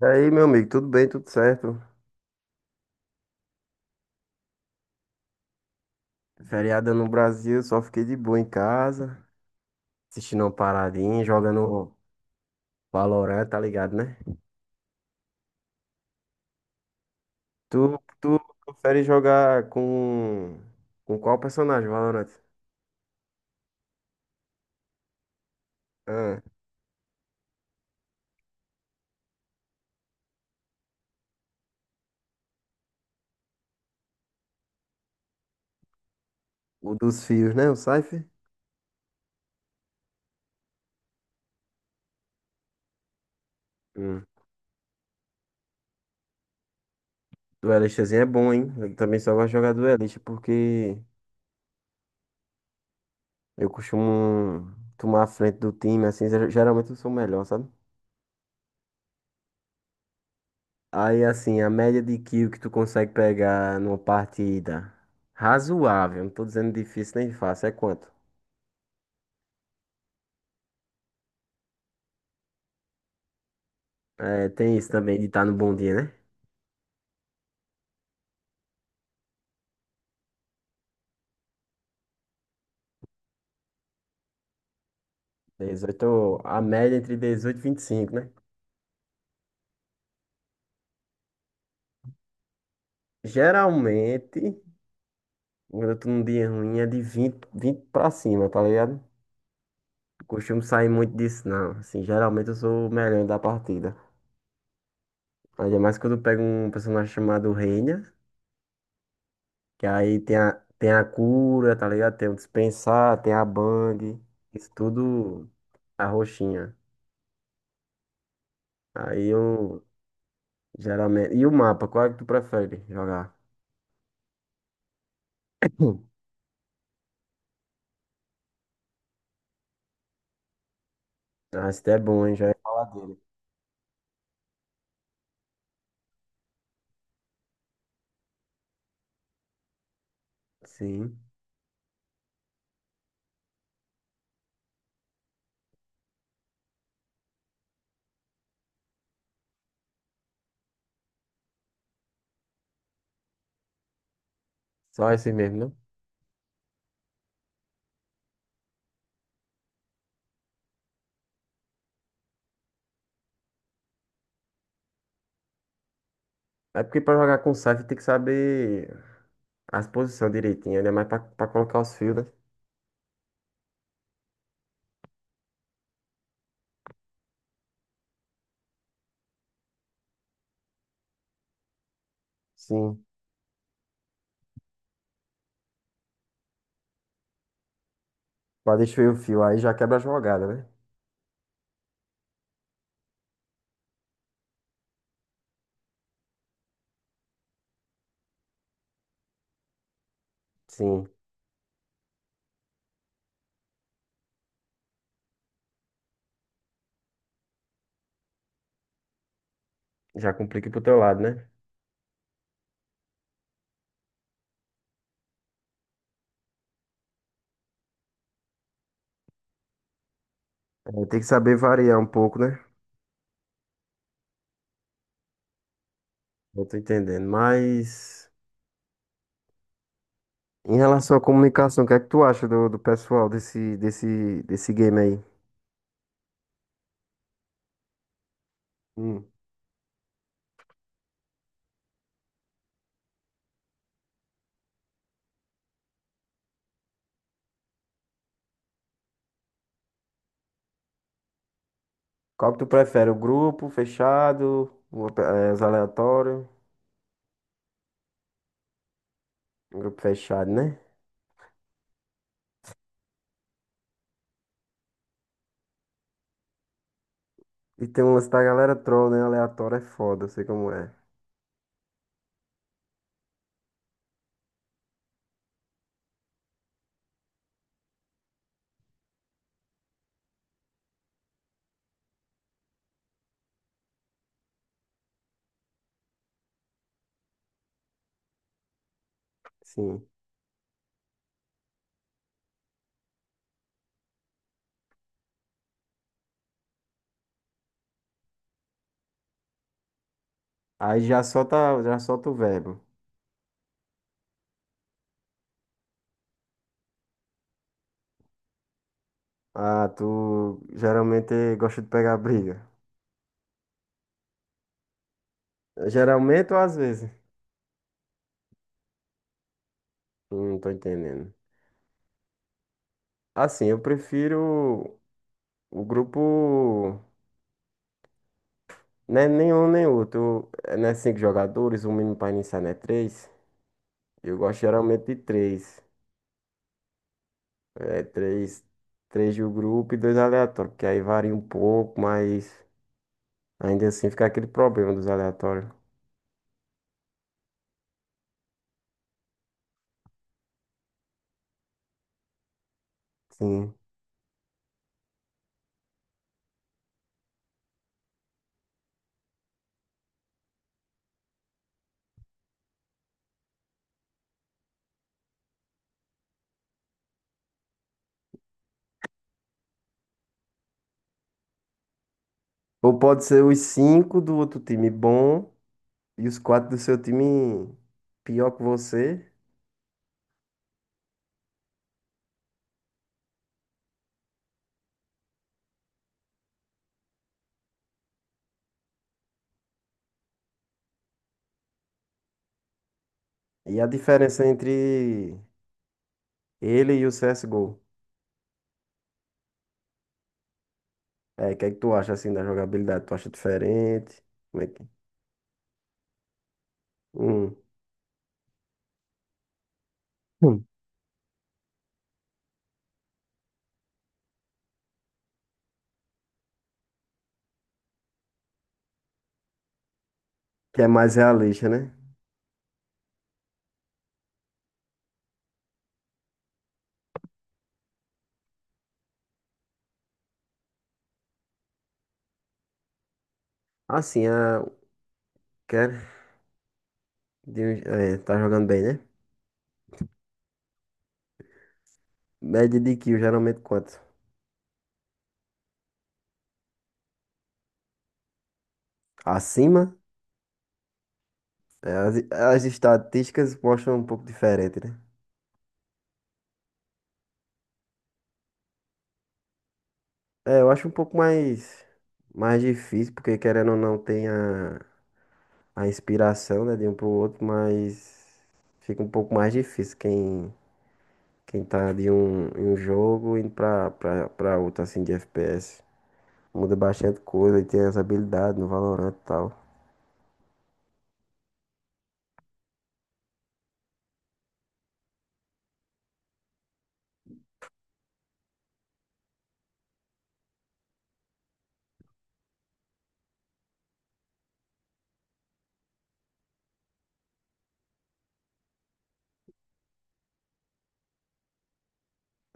E aí, meu amigo, tudo bem, tudo certo? Feriado no Brasil, só fiquei de boa em casa, assistindo uma paradinha, jogando Valorant, tá ligado, né? Tu prefere jogar com qual personagem, Valorant? Ah, o dos fios, né? O Cypher? Hum. Duelistazinho é bom, hein? Eu também só gosto de jogar duelista porque eu costumo tomar a frente do time, assim, geralmente eu sou o melhor, sabe? Aí, assim, a média de kill que tu consegue pegar numa partida razoável, não tô dizendo difícil nem fácil, é quanto? É, tem isso também de estar no bom dia, né? 18, a média entre 18 e 25, né? Geralmente, quando eu tô num dia ruim, é de vinte pra cima, tá ligado? Não costumo sair muito disso, não. Assim, geralmente eu sou o melhor da partida. Ainda mais quando eu pego um personagem chamado Reyna. Que aí tem a cura, tá ligado? Tem o dispensar, tem a bang. Isso tudo a roxinha. Aí eu geralmente. E o mapa, qual é que tu prefere jogar? Hum. Ah, esse é bom, hein? Já ia falar dele. Sim. Só esse mesmo, né? É porque pra jogar com Scythe tem que saber as posições direitinho, né? Mais pra colocar os fios, né? Sim. Pra destruir o fio, aí já quebra a jogada, né? Sim. Já complica pro teu lado, né? Aí tem que saber variar um pouco, né? Eu tô entendendo. Mas. Em relação à comunicação, o que é que tu acha do pessoal desse game aí? Hum. Qual que tu prefere? O grupo fechado? Os aleatórios? O grupo fechado, né? E tem um lance da galera troll, né? Aleatório é foda, eu sei como é. Sim. Aí já solta o verbo. Ah, tu geralmente gosta de pegar briga. Geralmente ou às vezes? Hum. Não tô entendendo. Assim, eu prefiro o grupo. Né, nenhum nem outro. É, né, cinco jogadores, o mínimo para iniciar, né? Três. Eu gosto geralmente de três. É, três do grupo e dois aleatórios. Porque aí varia um pouco, mas ainda assim fica aquele problema dos aleatórios. Sim. Ou pode ser os cinco do outro time bom e os quatro do seu time pior que você. E a diferença entre ele e o CSGO. É, o que é que tu acha assim da jogabilidade? Tu acha diferente? Como é que. Hum. Que é mais realista, né? Assim, a... quer de... um- é, tá jogando bem, né? Média de kill, geralmente quanto? Acima? É, as estatísticas mostram um pouco diferente, né? É, eu acho um pouco mais difícil, porque querendo ou não tem a inspiração, né, de um pro outro, mas fica um pouco mais difícil quem tá de um, em um jogo indo pra outro, assim, de FPS. Muda bastante coisa e tem as habilidades no Valorant e tal.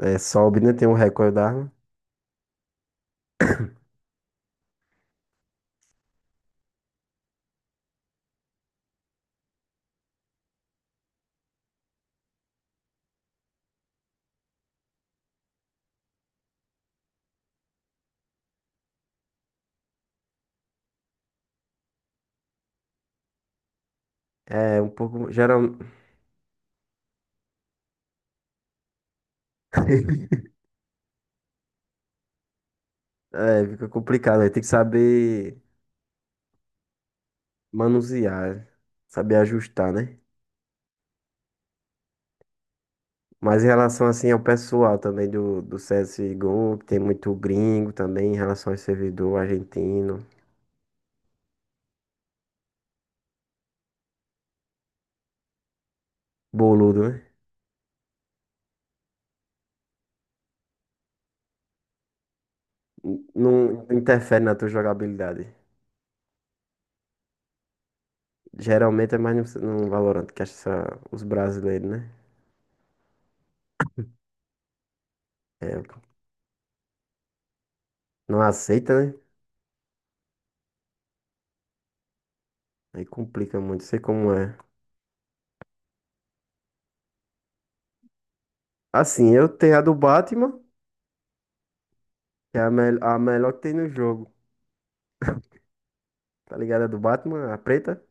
É, sobe, né? Tem um recorde da arma. É um pouco. É, fica complicado. Aí tem que saber manusear, saber ajustar, né? Mas em relação assim ao pessoal também do CSGO, que tem muito gringo também, em relação ao servidor argentino, boludo, né? Não interfere na tua jogabilidade. Geralmente é mais no Valorant, que acha os brasileiros, né? É, não aceita, né? Aí complica muito, sei como é. Assim, eu tenho a do Batman, que é a melhor que tem no jogo. Tá ligado? A do Batman, a preta.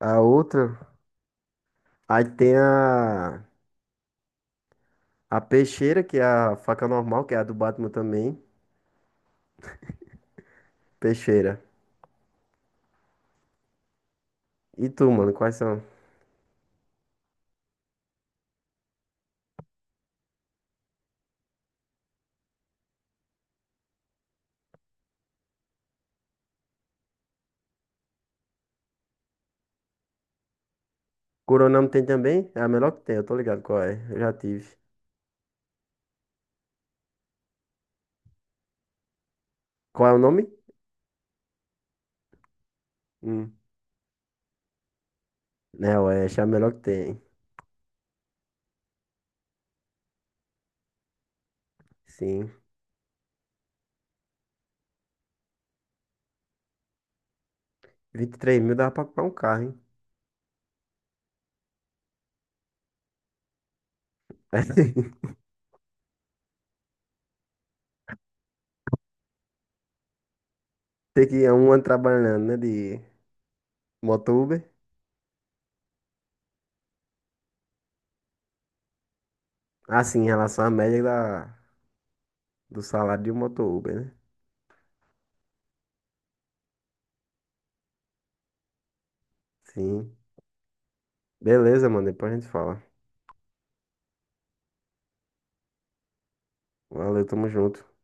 A outra. Aí tem a. A peixeira, que é a faca normal, que é a do Batman também. Peixeira. E tu, mano, quais são? Coronamo tem também? É a melhor que tem, eu tô ligado qual é. Eu já tive. Qual é o nome? Hum. Não, é, essa é a melhor que tem. Sim. 23 mil dá pra comprar um carro, hein? Tem que é um ano trabalhando, né? De moto Uber. Ah, sim, em relação à média da, do salário de um moto Uber, né? Sim. Beleza, mano. Depois a gente fala. Valeu, tamo junto.